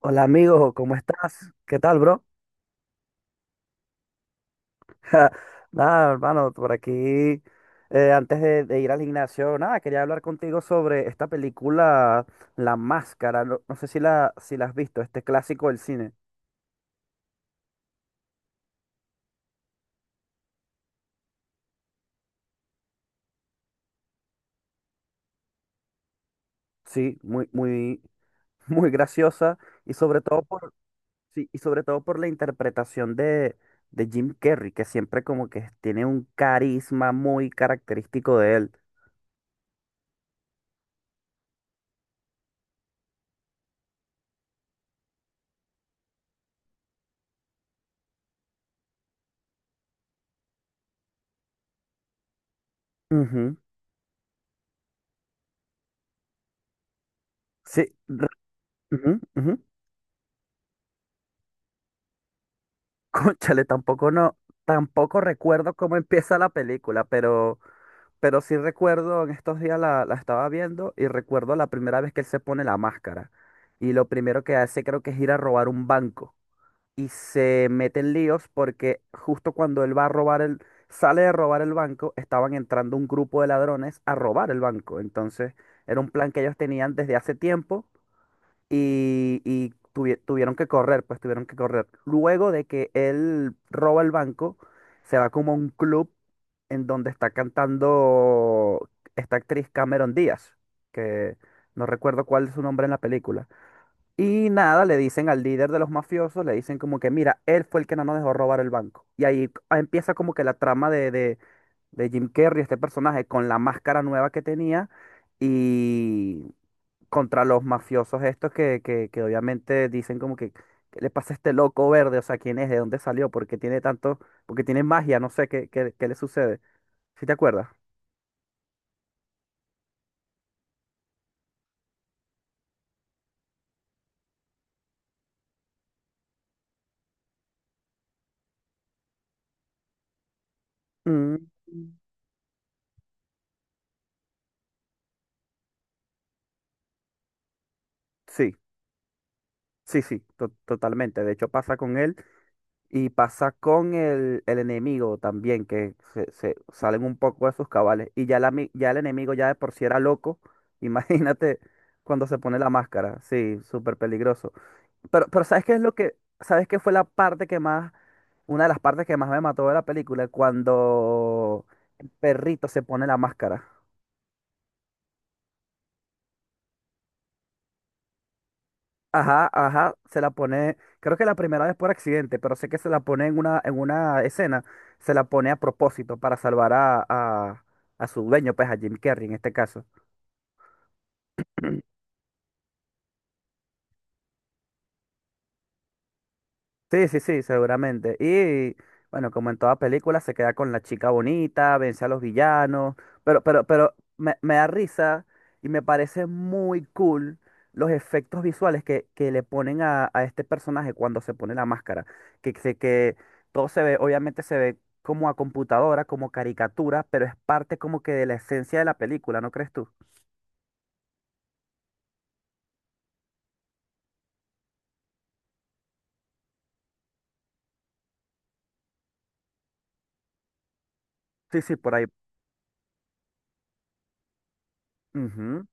Hola amigo, ¿cómo estás? ¿Qué tal, bro? Nada, hermano, por aquí, antes de ir al gimnasio, nada, quería hablar contigo sobre esta película La Máscara. No, no sé si si la has visto, este clásico del cine. Sí, muy, muy graciosa y sobre todo por, sí, y sobre todo por la interpretación de Jim Carrey, que siempre como que tiene un carisma muy característico de él. Ujú. Sí, re- ujú, ujú. Cónchale, tampoco recuerdo cómo empieza la película, pero sí recuerdo, en estos días la estaba viendo y recuerdo la primera vez que él se pone la máscara. Y lo primero que hace creo que es ir a robar un banco. Y se mete en líos porque justo cuando él va a robar sale de robar el banco, estaban entrando un grupo de ladrones a robar el banco. Entonces, era un plan que ellos tenían desde hace tiempo y, tuvieron que correr, pues tuvieron que correr. Luego de que él roba el banco, se va como a un club en donde está cantando esta actriz Cameron Díaz, que no recuerdo cuál es su nombre en la película. Y nada, le dicen al líder de los mafiosos, le dicen como que, mira, él fue el que no nos dejó robar el banco. Y ahí empieza como que la trama de de Jim Carrey, este personaje, con la máscara nueva que tenía. Y, contra los mafiosos estos que obviamente dicen como que, ¿qué le pasa a este loco verde? O sea, ¿quién es? ¿De dónde salió? ¿Por qué tiene tanto? ¿Porque tiene magia? No sé qué le sucede. ¿Sí te acuerdas? Mm, sí, sí, totalmente. De hecho, pasa con él y pasa con el enemigo también, se salen un poco de sus cabales. Y ya, ya el enemigo ya de por sí era loco. Imagínate cuando se pone la máscara. Sí, súper peligroso. Pero ¿sabes qué es lo que, sabes qué fue la parte que más, una de las partes que más me mató de la película? Cuando el perrito se pone la máscara. Ajá, ajá, se la pone, creo que la primera vez por accidente, pero sé que se la pone en una escena, se la pone a propósito para salvar a su dueño, pues a Jim Carrey en este caso. Sí, sí, sí, seguramente. Y bueno, como en toda película, se queda con la chica bonita, vence a los villanos, pero me da risa y me parece muy cool los efectos visuales que le ponen a este personaje cuando se pone la máscara. Que todo se ve, obviamente se ve como a computadora, como caricatura, pero es parte como que de la esencia de la película, ¿no crees tú? Sí, sí, por ahí. Ujú.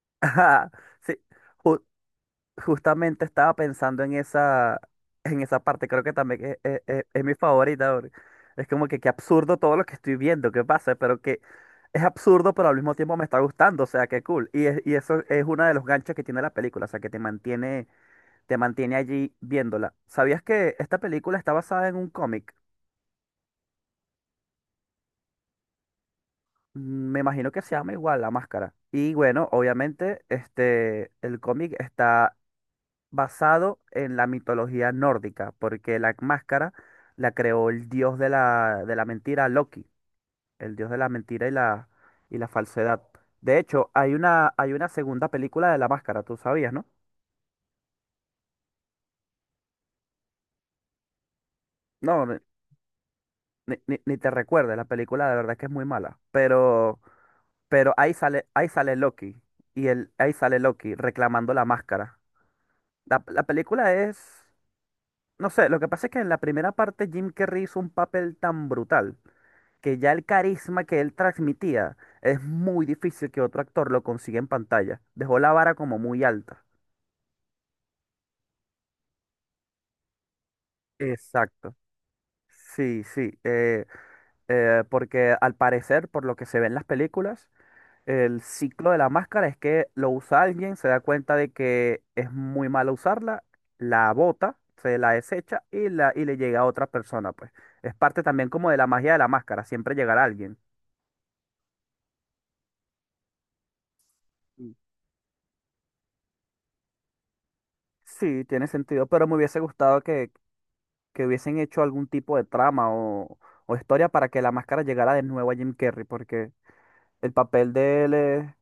Ajá. Sí, ju- justamente estaba pensando en esa parte, creo que también es, es mi favorita, bro. Es como que qué absurdo todo lo que estoy viendo, qué pasa, pero que es absurdo, pero al mismo tiempo me está gustando, o sea, qué cool. Y, y eso es uno de los ganchos que tiene la película, o sea, que te mantiene allí viéndola. ¿Sabías que esta película está basada en un cómic? Mm, me imagino que se llama igual La Máscara. Y bueno, obviamente, este, el cómic está basado en la mitología nórdica, porque la máscara la creó el dios de de la mentira, Loki, el dios de la mentira y la falsedad. De hecho, hay una segunda película de la máscara, tú sabías, ¿no? No, ni te recuerdes, la película de verdad es que es muy mala, pero ahí sale Loki, ahí sale Loki reclamando la máscara. La película es, no sé, lo que pasa es que en la primera parte Jim Carrey hizo un papel tan brutal que ya el carisma que él transmitía es muy difícil que otro actor lo consiga en pantalla. Dejó la vara como muy alta. Exacto. Sí, sí. Porque al parecer, por lo que se ve en las películas, el ciclo de la máscara es que lo usa alguien, se da cuenta de que es muy malo usarla, la bota, se la desecha y, y le llega a otra persona, pues. Es parte también como de la magia de la máscara, siempre llegar a alguien. Mm. Sí, tiene sentido, pero me hubiese gustado que hubiesen hecho algún tipo de trama o historia para que la máscara llegara de nuevo a Jim Carrey, porque el papel de él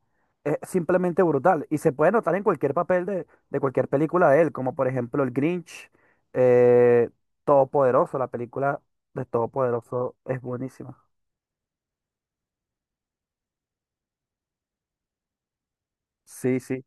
es simplemente brutal y se puede notar en cualquier papel de cualquier película de él, como por ejemplo el Grinch, eh, Todopoderoso, la película de Todopoderoso es buenísima. Sí, sí.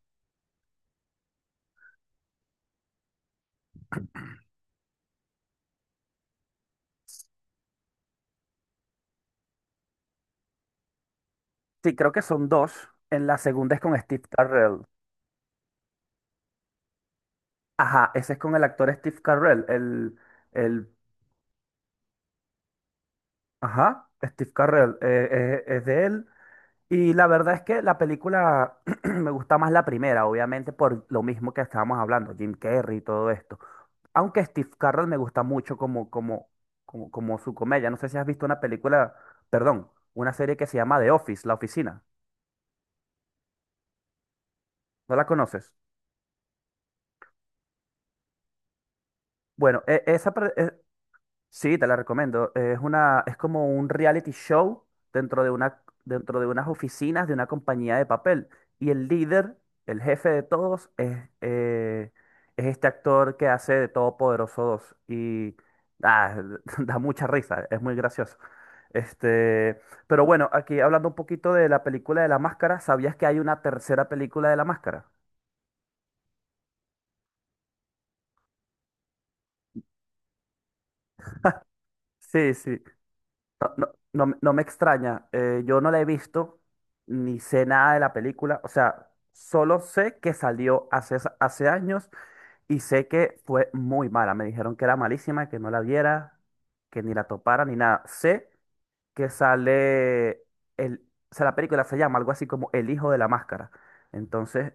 Sí, creo que son dos. En la segunda es con Steve Carell. Ajá, ese es con el actor Steve Carell, el, ajá, Steve Carell, es de él. Y la verdad es que la película me gusta más la primera, obviamente por lo mismo que estábamos hablando, Jim Carrey y todo esto. Aunque Steve Carell me gusta mucho como su comedia. No sé si has visto una película, perdón, una serie que se llama The Office, La Oficina. ¿No la conoces? Bueno, sí, te la recomiendo. Es una, es como un reality show dentro de una, dentro de unas oficinas de una compañía de papel. Y el líder, el jefe de todos, es este actor que hace de Todopoderoso 2. Y ah, da mucha risa, es muy gracioso. Este, pero bueno, aquí hablando un poquito de la película de la máscara, ¿sabías que hay una tercera película de la máscara? Sí, sí. No, no, no me extraña. Yo no la he visto ni sé nada de la película. O sea, solo sé que salió hace, hace años y sé que fue muy mala. Me dijeron que era malísima, que no la viera, que ni la topara, ni nada. Sé que sale el, o sea, la película se llama algo así como El hijo de la máscara. Entonces,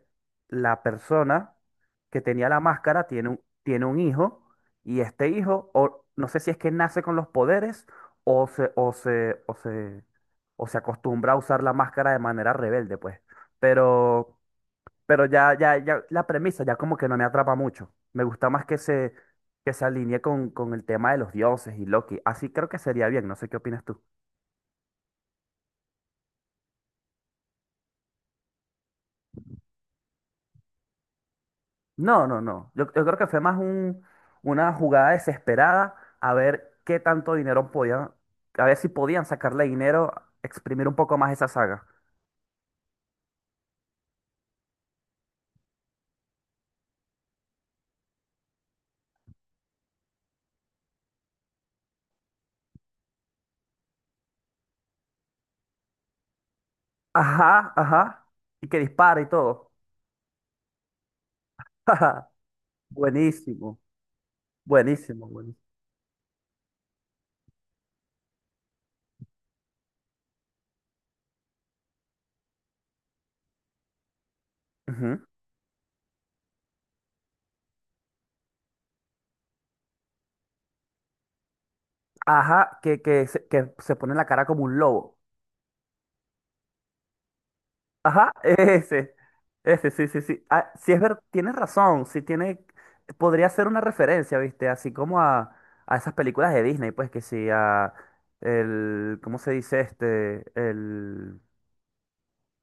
la persona que tenía la máscara tiene un hijo y este hijo, o no sé si es que nace con los poderes o se, o se, o se, o se acostumbra a usar la máscara de manera rebelde, pues. Pero, pero ya, ya la premisa ya como que no me atrapa mucho. Me gusta más que se alinee con el tema de los dioses y Loki. Así creo que sería bien, no sé qué opinas tú. No, no, no. Yo creo que fue más un, una jugada desesperada a ver qué tanto dinero podían, a ver si podían sacarle dinero, exprimir un poco más esa saga. Ajá, ajá. Y que dispara y todo. Ajá. Buenísimo, buenísimo, buenísimo. Ujú. Ajá, que se pone la cara como un lobo. Ajá, ese, sí, sí, sí. Ah, sí es ver, tienes razón, sí tiene, podría ser una referencia, ¿viste? Así como a esas películas de Disney, pues que sí, ¿cómo se dice este?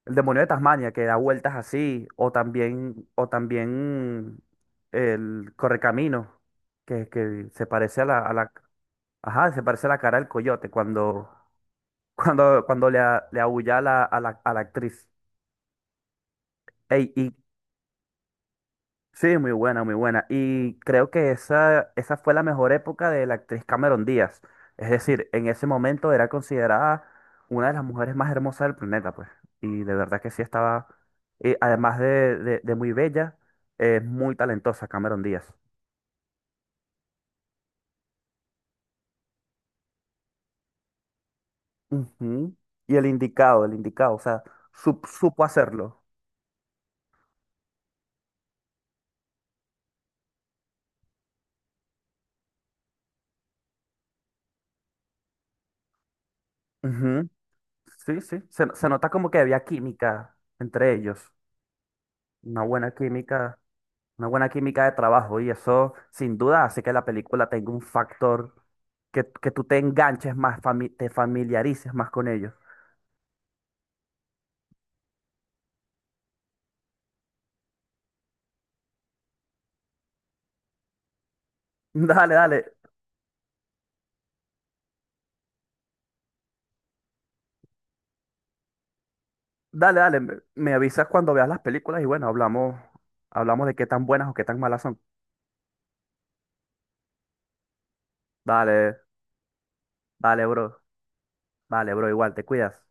El demonio de Tasmania, que da vueltas así, o también el Correcamino, que se parece a ajá, se parece a la cara del coyote cuando, cuando le, le aúlla a a la actriz. Ey, sí, muy buena, muy buena. Y creo que esa fue la mejor época de la actriz Cameron Díaz. Es decir, en ese momento era considerada una de las mujeres más hermosas del planeta, pues. Y de verdad que sí estaba, y además de muy bella, es muy talentosa Cameron Díaz. Ujú. Y el indicado, o sea, supo hacerlo. Ujú. Sí, sí, se nota como que había química entre ellos, una buena química, una buena química de trabajo y eso sin duda hace que la película tenga un factor que tú te enganches más, te familiarices más con ellos. Dale, dale, dale, dale, me avisas cuando veas las películas y bueno, hablamos, hablamos de qué tan buenas o qué tan malas son. Dale, dale, bro, dale, bro, igual, te cuidas.